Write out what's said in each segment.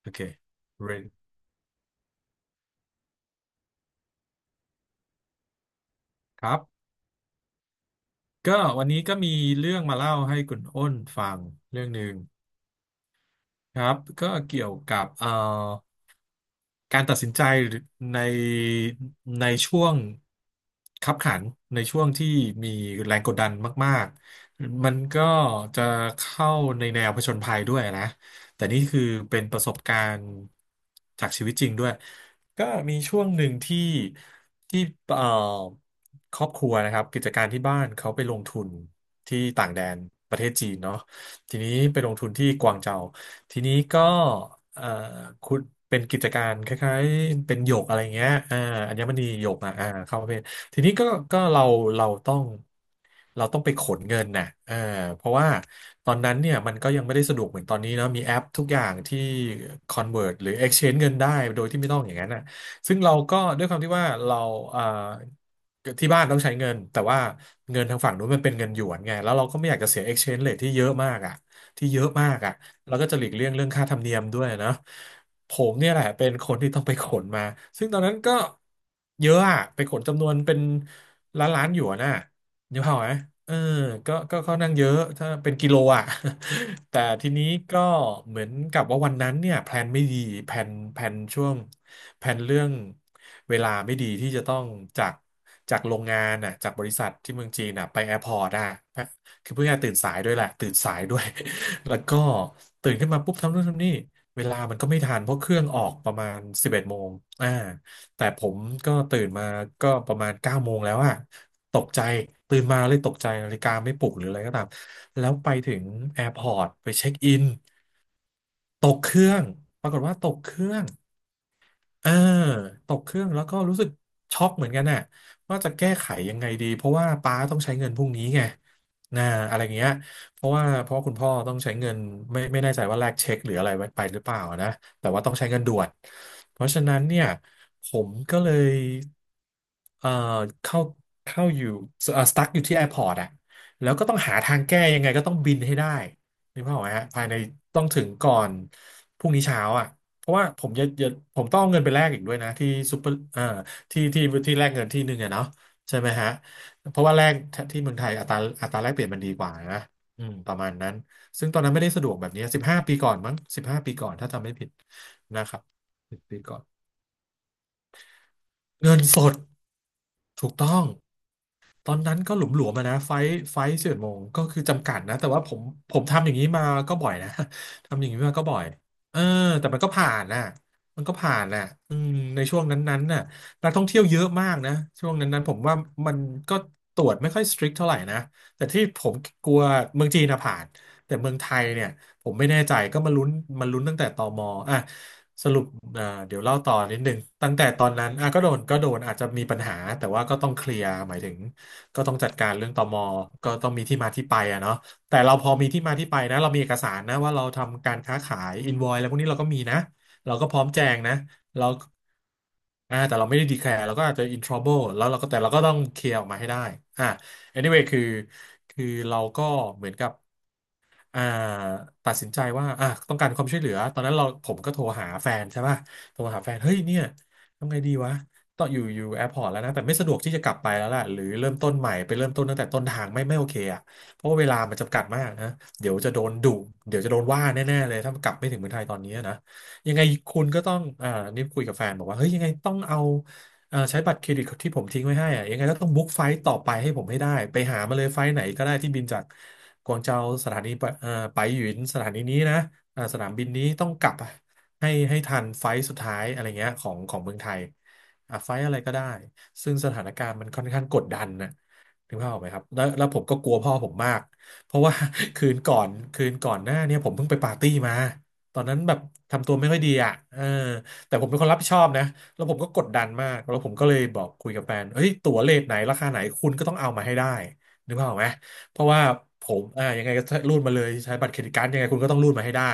โอเค ready ครับก็วันนี้ก็มีเรื่องมาเล่าให้คุณอ้นฟังเรื่องหนึ่งครับก็เกี่ยวกับการตัดสินใจในในช่วงคับขันในช่วงที่มีแรงกดดันมากๆ มันก็จะเข้าในแนวผจญภัยด้วยนะแต่นี่คือเป็นประสบการณ์จากชีวิตจริงด้วยก็มีช่วงหนึ่งที่ที่เอ่อครอบครัวนะครับกิจการที่บ้านเขาไปลงทุนที่ต่างแดนประเทศจีนเนาะทีนี้ไปลงทุนที่กวางเจา ทีนี้ก็เอ่อคุณเป็นกิจการคล้ายๆเป็นหยกอะไรเงี้ยอ่าอัญมณีหยกอ่ะอ่าเข้าประเภททีนี้ก็เราต้องเราต้องไปขนเงินน่ะเพราะว่าตอนนั้นเนี่ยมันก็ยังไม่ได้สะดวกเหมือนตอนนี้เนาะมีแอปทุกอย่างที่ convert หรือ exchange เงินได้โดยที่ไม่ต้องอย่างนั้นน่ะซึ่งเราก็ด้วยความที่ว่าเราเอ่อที่บ้านต้องใช้เงินแต่ว่าเงินทางฝั่งนู้นมันเป็นเงินหยวนไงแล้วเราก็ไม่อยากจะเสีย exchange rate ที่เยอะมากอ่ะที่เยอะมากอ่ะ แล้วก็จะหลีกเลี่ยงเรื่องค่าธรรมเนียมด้วยนะผมเนี่ยแหละเป็นคนที่ต้องไปขนมาซึ่งตอนนั้นก็เยอะอะไปขนจำนวนเป็นล้านล้านหยวนน่ะนึกภาพไหมเออก็ค่อนข้างเยอะถ้าเป็นกิโลอ่ะ แต่ทีนี้ก็เหมือนกับว่าวันนั้นเนี่ยแพลนไม่ดีแพลนแพลนช่วงแพลนเรื่องเวลาไม่ดีที่จะต้องจากจากโรงงานน่ะจากบริษัทที่เมืองจีนน่ะไปแอร์พอร์ตอ่ะคือเพื่อนตื่นสายด้วยแหละตื่นสายด้วย แล้วก็ตื่นขึ้นมาปุ๊บทำนู่นทำนี่เวลามันก็ไม่ทันเพราะเครื่องออกประมาณสิบเอ็ดโมงอ่าแต่ผมก็ตื่นมาก็ประมาณ9 โมงแล้วอะตกใจตื่นมาเลยตกใจนาฬิกาไม่ปลุกหรืออะไรก็ตามแล้วไปถึงแอร์พอร์ตไปเช็คอินตกเครื่องปรากฏว่าตกเครื่อง เออตกเครื่องแล้วก็รู้สึกช็อกเหมือนกันน่ะว่าจะแก้ไขยังไงดีเพราะว่าป้าต้องใช้เงินพรุ่งนี้ไงนะอะไรเงี้ยเพราะว่าคุณพ่อต้องใช้เงินไม่แน่ใจว่าแลกเช็คหรืออะไรไว้ไปหรือเปล่านะแต่ว่าต้องใช้เงินด่วนเพราะฉะนั้นเนี่ยผมก็เลยเอ่อเข้าเข้าอยู่เอ่อสตั๊กอยู่ที่แอร์พอร์ตอะแล้วก็ต้องหาทางแก้ยังไงก็ต้องบินให้ได้นึกภาพออกไหมฮะภายในต้องถึงก่อนพรุ่งนี้เช้าอะ เพราะว่าผมจะจะผมต้องเอาเงินไปแลกอีกด้วยนะที่ซูเปอร์อ่าที่แลกเงินที่หนึ่งอะเนาะใช่ไหมฮะเพราะว่าแลกที่เมืองไทยอัตราแลกเปลี่ยนมันดีกว่านะประมาณนั้นซึ่งตอนนั้นไม่ได้สะดวกแบบนี้สิบห้าปีก่อนมั้งสิบห้าปีก่อนถ้าจำไม่ผิดนะครับ10 ปีก่อนเงินสดถูกต้อง ตอนนั้นก็หลุมหลวมอะนะไฟท์ไฟสิบเอ็ดโมงก็คือจำกัดนะแต่ว่าผมทำอย่างนี้มาก็บ่อยนะ ทำอย่างนี้มาก็บ่อยเออแต่มันก็ผ่านน่ะมันก็ผ่านน่ะอืมในช่วงนั้นๆน่ะนักท่องเที่ยวเยอะมากนะช่วงนั้นๆผมว่ามันก็ตรวจไม่ค่อยสตริกเท่าไหร่นะแต่ที่ผมกลัวเมืองจีนน่ะผ่านแต่เมืองไทยเนี่ยผมไม่แน่ใจก็มาลุ้นมาลุ้นตั้งแต่ตมอ่ะสรุปเดี๋ยวเล่าต่อนิดนึงตั้งแต่ตอนนั้นอ่ะก็โดนอาจจะมีปัญหาแต่ว่าก็ต้องเคลียร์หมายถึง ก็ต้องจัดการเรื่องตมก็ต้องมีที่มาที่ไปอะเนาะแต่เราพอมีที่มาที่ไปนะเรามีเอกสารนะว่าเราทำการค้าขายอินวอยอะไรพวกนี้เราก็มีนะ เราก็พร้อมแจงนะเราอ่าแต่เราไม่ได้ดีแคร์เราก็อาจจะ in trouble แล้วเราก็แต่เราก็ต้องเคลียร์ออกมาให้ได้อ่า anyway คือเราก็เหมือนกับ อ่าตัดสินใจว่าอ่ะต้องการความช่วยเหลือตอนนั้นเราผมก็โทรหาแฟนใช่ป่ะโทรหาแฟนเฮ้ยเนี่ยทำไงดีวะต้องอยู่แอร์พอร์ตแล้วนะแต่ไม่สะดวกที่จะกลับไปแล้วล่ะหรือเริ่มต้นใหม่ไปเริ่มต้นตั้งแต่ต้นทางไม่โอเคอ่ะเพราะว่าเวลามันจำกัดมากนะเดี๋ยวจะโดนดุเดี๋ยวจะโดนว่าแน่ๆเลยถ้ากลับไม่ถึงเมืองไทยตอนนี้นะยังไงคุณก็ต้องอ่านี่คุยกับแฟนบอกว่าเฮ้ยยังไงต้องเอา ใช้บัตรเครดิตที่ผมทิ้งไว้ให้อะยังไงก็ต้องบุ๊กไฟต์ต่อไปให้ผมให้ได้ไปหามาเลยไฟล์ไหนก็ได้ที่บินจากกวางเจาสถานีไปไปหยินสถานีนี้นะสนามบินนี้ต้องกลับอะให้ทันไฟล์สุดท้ายอะไรเงี้ยของเมืองไทยอ่ะไฟล์อะไรก็ได้ซึ่งสถานการณ์มันค่อนข้างกดดันนะถึงภาพออกไหมครับแล้วผมก็กลัวพ่อผมมากเพราะว่า คืนก่อนหน้าเนี่ยผมเพิ่งไปปาร์ตี้มาตอนนั้นแบบทำตัวไม่ค่อยดีอ่ะเออแต่ผมเป็นคนรับผิดชอบนะ แล้วผมก็กดดันมาก แล้วผมก็เลยบอกคุยกับแฟนเฮ้ยตั๋วเลทไหนราคาไหนคุณก็ต้องเอามาให้ได้นึกภาพออกไหมเพราะว่าผมยังไงก็รูดมาเลยใช้บัตรเครดิตการ์ดยังไงคุณก็ต้องรูดมาให้ได้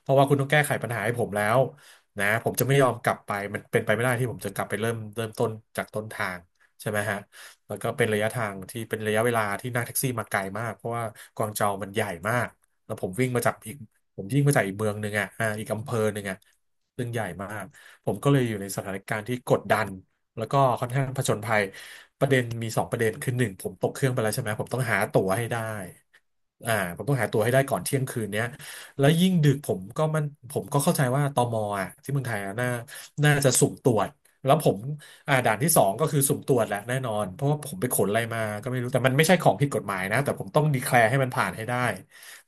เพราะว่าคุณต้องแก้ไขปัญหาให้ผมแล้วนะผมจะไม่ยอมกลับไป มันเป็นไปไม่ได้ที่ผมจะกลับไปเริ่มต้นจากต้นทางใช่ไหมฮะแล้วก็เป็นระยะทางที่เป็นระยะเวลาที่นั่งแท็กซี่มาไกลมากเพราะว่ากวางโจวมันใหญ่มากแล้วผมวิ่งมาจากอีกผมวิ่งมาจากอีกเมืองหนึ่งอ่ะอีกอำเภอหนึ่งอ่ะซึ่งใหญ่มาก ผมก็เลยอยู่ในสถานการณ์ที่กดดัน แล้วก็ค่อนข้างผจญภัย ประเด็นมีสองประเด็นคือหนึ่งผมตกเครื่องไปแล้วใช่ไหมผมต้องหาตั๋วให้ได้อ่าผมต้องหาตั๋วให้ได้ก่อนเที่ยงคืนเนี้ยแล้วยิ่งดึกผมก็เข้าใจว่าตมอ่ะที่เมืองไทยอ่ะน่าจะสุ่มตรวจแล้วผมอ่าด่านที่สองก็คือสุ่มตรวจแหละแน่นอนเพราะว่าผมไปขนอะไรมาก็ไม่รู้แต่มันไม่ใช่ของผิดกฎหมายนะแต่ผมต้องดีแคลร์ให้มันผ่านให้ได้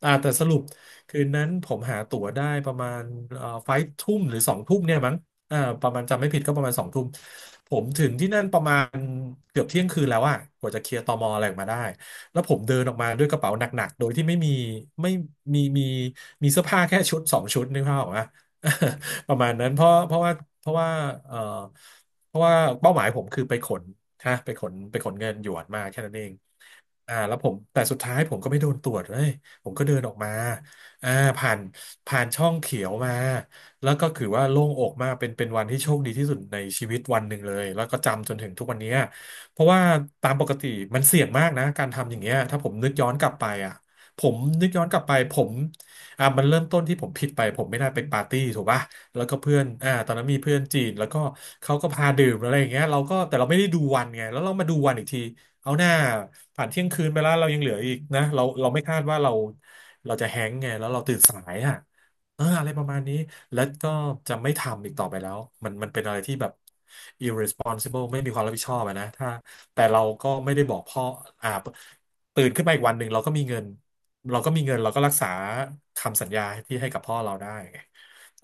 อ่าแต่สรุปคืนนั้นผมหาตั๋วได้ประมาณเอ่อไฟทุ่มหรือสองทุ่มเนี่ยมั้ง เออประมาณจำไม่ผิดก็ประมาณสองทุ่มผมถึงที่นั่นประมาณเกือบเที่ยงคืนแล้วอะกว่าจะเคลียร์ตมอะไรออกมาได้แล้วผมเดินออกมาด้วยกระเป๋าหนักๆโดยที่ไม่มีไม่มีมีเสื้อผ้าแค่ชุดสองชุดนึกภาพออกไหม ประมาณนั้นเพราะว่าเพราะว่าเออเพราะว่าเป้าหมายผมคือไปขนฮะไปขนเงินหยวนมาแค่นั้นเองอ่าแล้วผมแต่สุดท้ายผมก็ไม่โดนตรวจเลยผมก็เดินออกมาอ่าผ่านผ่านช่องเขียวมา แล้วก็คือว่าโล่งอกมากเป็นวันที่โชคดีที่สุดในชีวิตวันหนึ่งเลยแล้วก็จำจนถึงทุกวันนี้เพราะว่าตามปกติมันเสี่ยงมากนะการทำอย่างเงี้ยถ้าผมนึกย้อนกลับไปอ่ะผมนึกย้อนกลับไปผมอ่ะมันเริ่มต้นที่ผมผิดไปผมไม่ได้ไปปาร์ตี้ถูกป่ะแล้วก็เพื่อนตอนนั้นมีเพื่อนจีนแล้วก็เขาก็พาดื่มอะไรอย่างเงี้ยเราไม่ได้ดูวันไงแล้วเรามาดูวันอีกทีเอาหน้าผ่านเที่ยงคืนไปแล้วเรายังเหลืออีกนะเราไม่คาดว่าเราจะแฮงก์ไงแล้วเราตื่นสายอ่ะ เอออะไรประมาณนี้แล้วก็จะไม่ทำอีกต่อไปแล้วมันเป็นอะไรที่แบบ irresponsible ไม่มีความรับผิดชอบอะนะถ้าแต่เราก็ไม่ได้บอกพ่ออ่าตื่นขึ้นมาอีกวันหนึ่งเราก็มีเงินเราก็รักษาคำสัญญาที่ให้กับพ่อเราได้ไง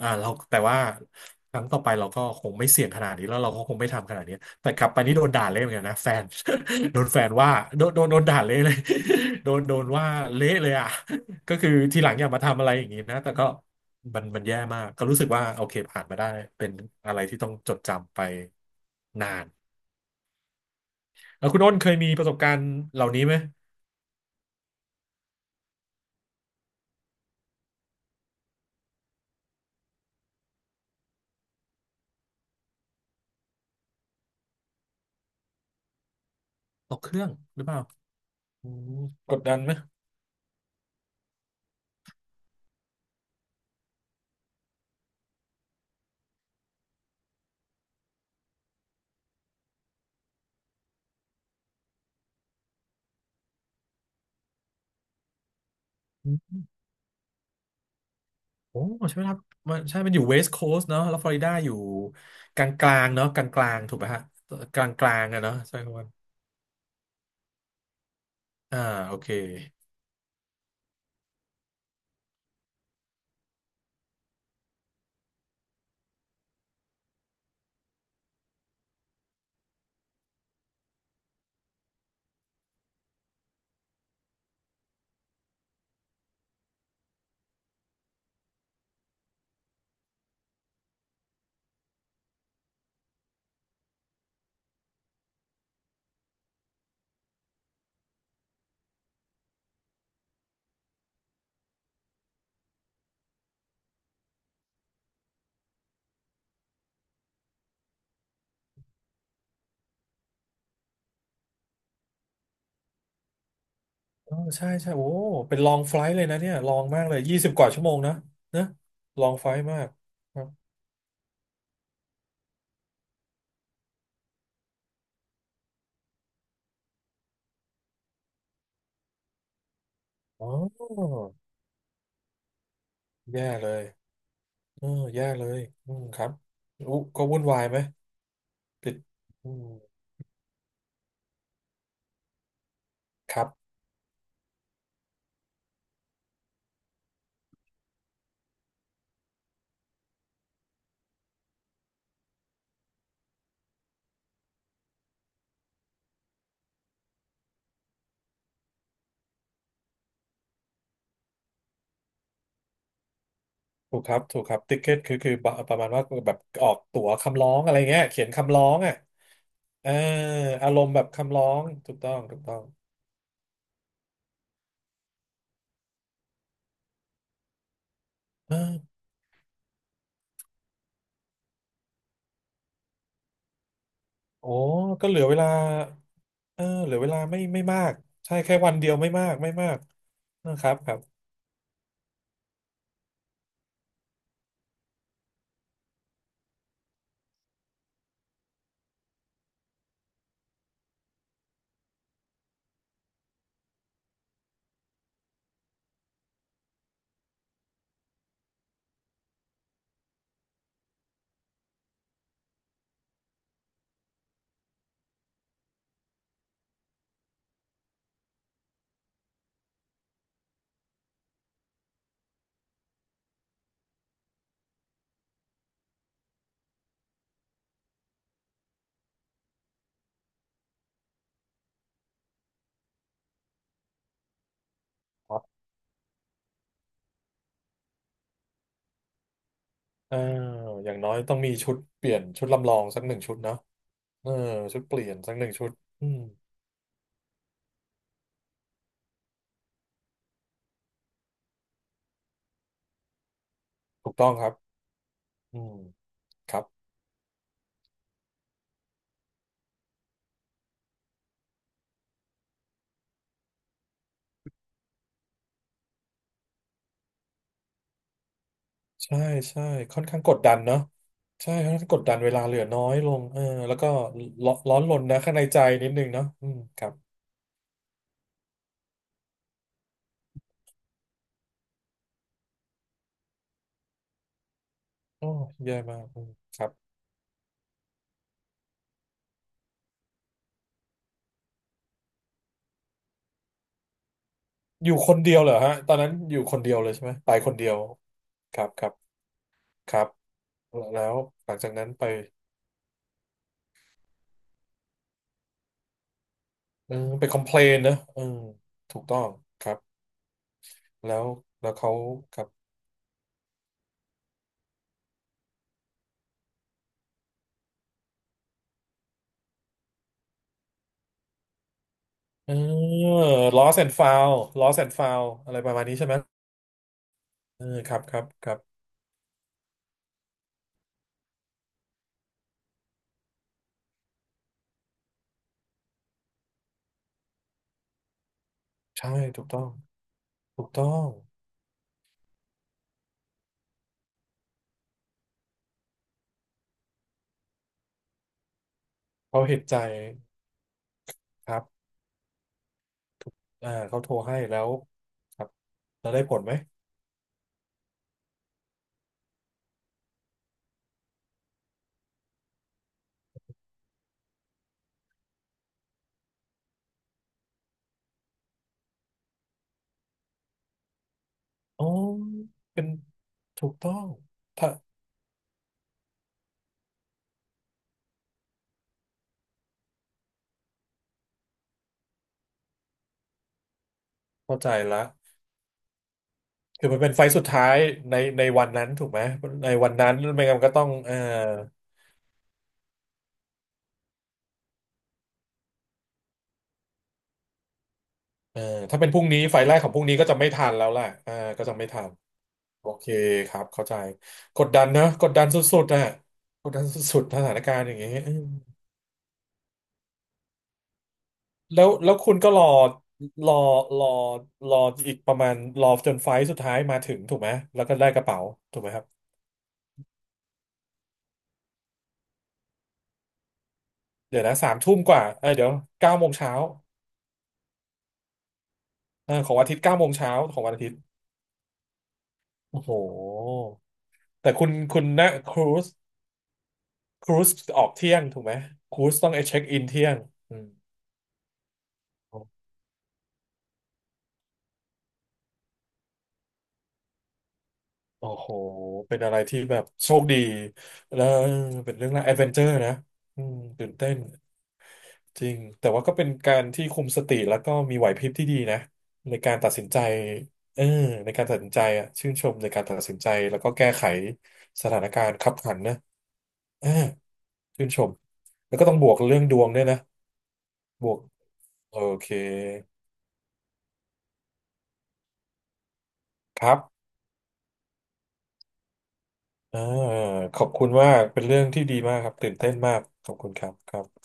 อ่าเราแต่ว่าครั้งต่อไปเราก็คงไม่เสี่ยงขนาดนี้แล้วเราก็คงไม่ทำขนาดนี้แต่กลับไปนี่โดนด่าเละเหมือนกันนะแฟน โดนแฟนว่าโดนด่าเละเลยโดนโดนว่าเละเลยอ่ะ ก็คือทีหลังอย่ามาทำอะไรอย่างนี้นะแต่ก็มันแย่มากก็รู้สึกว่าโอเคผ่านมาได้เป็นอะไรที่ต้องจดจำไปนานแล้วคุณอ้นเคยมีประสบการณ์เหล่านี้ไหมตกเครื่องหรือเปล่าอืมกดดันไหมอืมโอ้ใช่ไหมครับมันอยู่เวสต์โคส t เนาะแล้วฟลอริดาอยู่กลางเนาะกลางถูกไหมฮะกลางอะเนาะใช่ครับว่าอ่าโอเคอ๋อใช่ใช่โอ้เป็นลองไฟลท์เลยนะเนี่ยลองมากเลย20 กว่าชั่วโมงนะนะลองไฟลท์มาก อ๋อแย่เลยเออแย่เลยอืมครับอุก็วุ่นวายไหมติดอืมครับถูกครับถูกครับติ๊กเก็ตคือบบประมาณว่าแบบออกตั๋วคำร้องอะไรเงี้ยเขียนคำร้องอ่ะเอออารมณ์แบบคำร้องถูกต้องถูกต้องเออโอ้ก็เหลือเวลาเออเหลือเวลาไม่มากใช่แค่วันเดียวไม่มากไม่มากนะครับครับครับเอออย่างน้อยต้องมีชุดเปลี่ยนชุดลำลองสักหนึ่งชุดเนาะเออชุดเปลี่ยนสักหนึ่งชุดอืม ถูกต้องครับอืมครับใช่ใช่ค่อนข้างกดดันเนาะใช่ ค่อนข้างกดดันเวลาเหลือน้อยลงเออแล้วก็ร้อนร้อนรนนะข้างในใจนิดนึงเนาะอืมครับโอ้แย่มากอืมครับอยู่คนเดียวเหรอฮะ ตอนนั้นอยู่คนเดียวเลยใช่ไหมไปคนเดียว ครับครับครับแล้วหลังจากนั้นไปเออไปคอมเพลนนะเออถูกต้องครับ แล้วแล้วเขาครับเออ lost and found lost and found อะไรประมาณนี้ใช่ไหมเออครับครับครับ ใช่ถูกต้องถูกต้องเขาเห็นใจครับเขาโทรให้แล้วครับแล้วได้ผลไหมอ๋อเป็นถูกต้องถ้าเข้าใจละคือมันเป็นไฟล์สุดท้ายในในวันนั้นถูกไหมในวันนั้นไม่งั้นมันก็ต้องเอ่อถ้าเป็นพรุ่งนี้ไฟล์แรกของพรุ่งนี้ก็จะไม่ทันแล้วล่ะอ่าก็จะไม่ทันโอเคครับเข้าใจกดดันนะกดดันสุดๆอ่ะกดดันสุดๆสถานการณ์อย่างเงี้ย แล้วแล้วคุณก็รอรอรอรออีกประมาณรอจนไฟล์สุดท้ายมาถึงถูกไหมแล้วก็ได้กระเป๋าถูกไหมครับเดี๋ยวนะสามทุ่มกว่าเอ้ยเดี๋ยวเก้าโมงเช้าเออของวันอาทิตย์เก้าโมงเช้าของวันอาทิตย์โอ้โหแต่คุณคุณนะครูซครูซออกเที่ยงถูกไหมครูซต้องเช็คอินเที่ยงอืมโอ้โหเป็นอะไรที่แบบโชคดีแล้วเป็นเรื่องราวแอดเวนเจอร์นะอืมตื่นเต้น จริงแต่ว่าก็เป็นการที่คุมสติแล้วก็มีไหวพริบที่ดีนะในการตัดสินใจเออในการตัดสินใจอ่ะชื่นชมในการตัดสินใจแล้วก็แก้ไขสถานการณ์คับขันนะเออชื่นชมแล้วก็ต้องบวกเรื่องดวงด้วยนะบวกโอเคครับอ่าขอบคุณมากเป็นเรื่องที่ดีมากครับตื่นเต้นมากขอบคุณครับครับ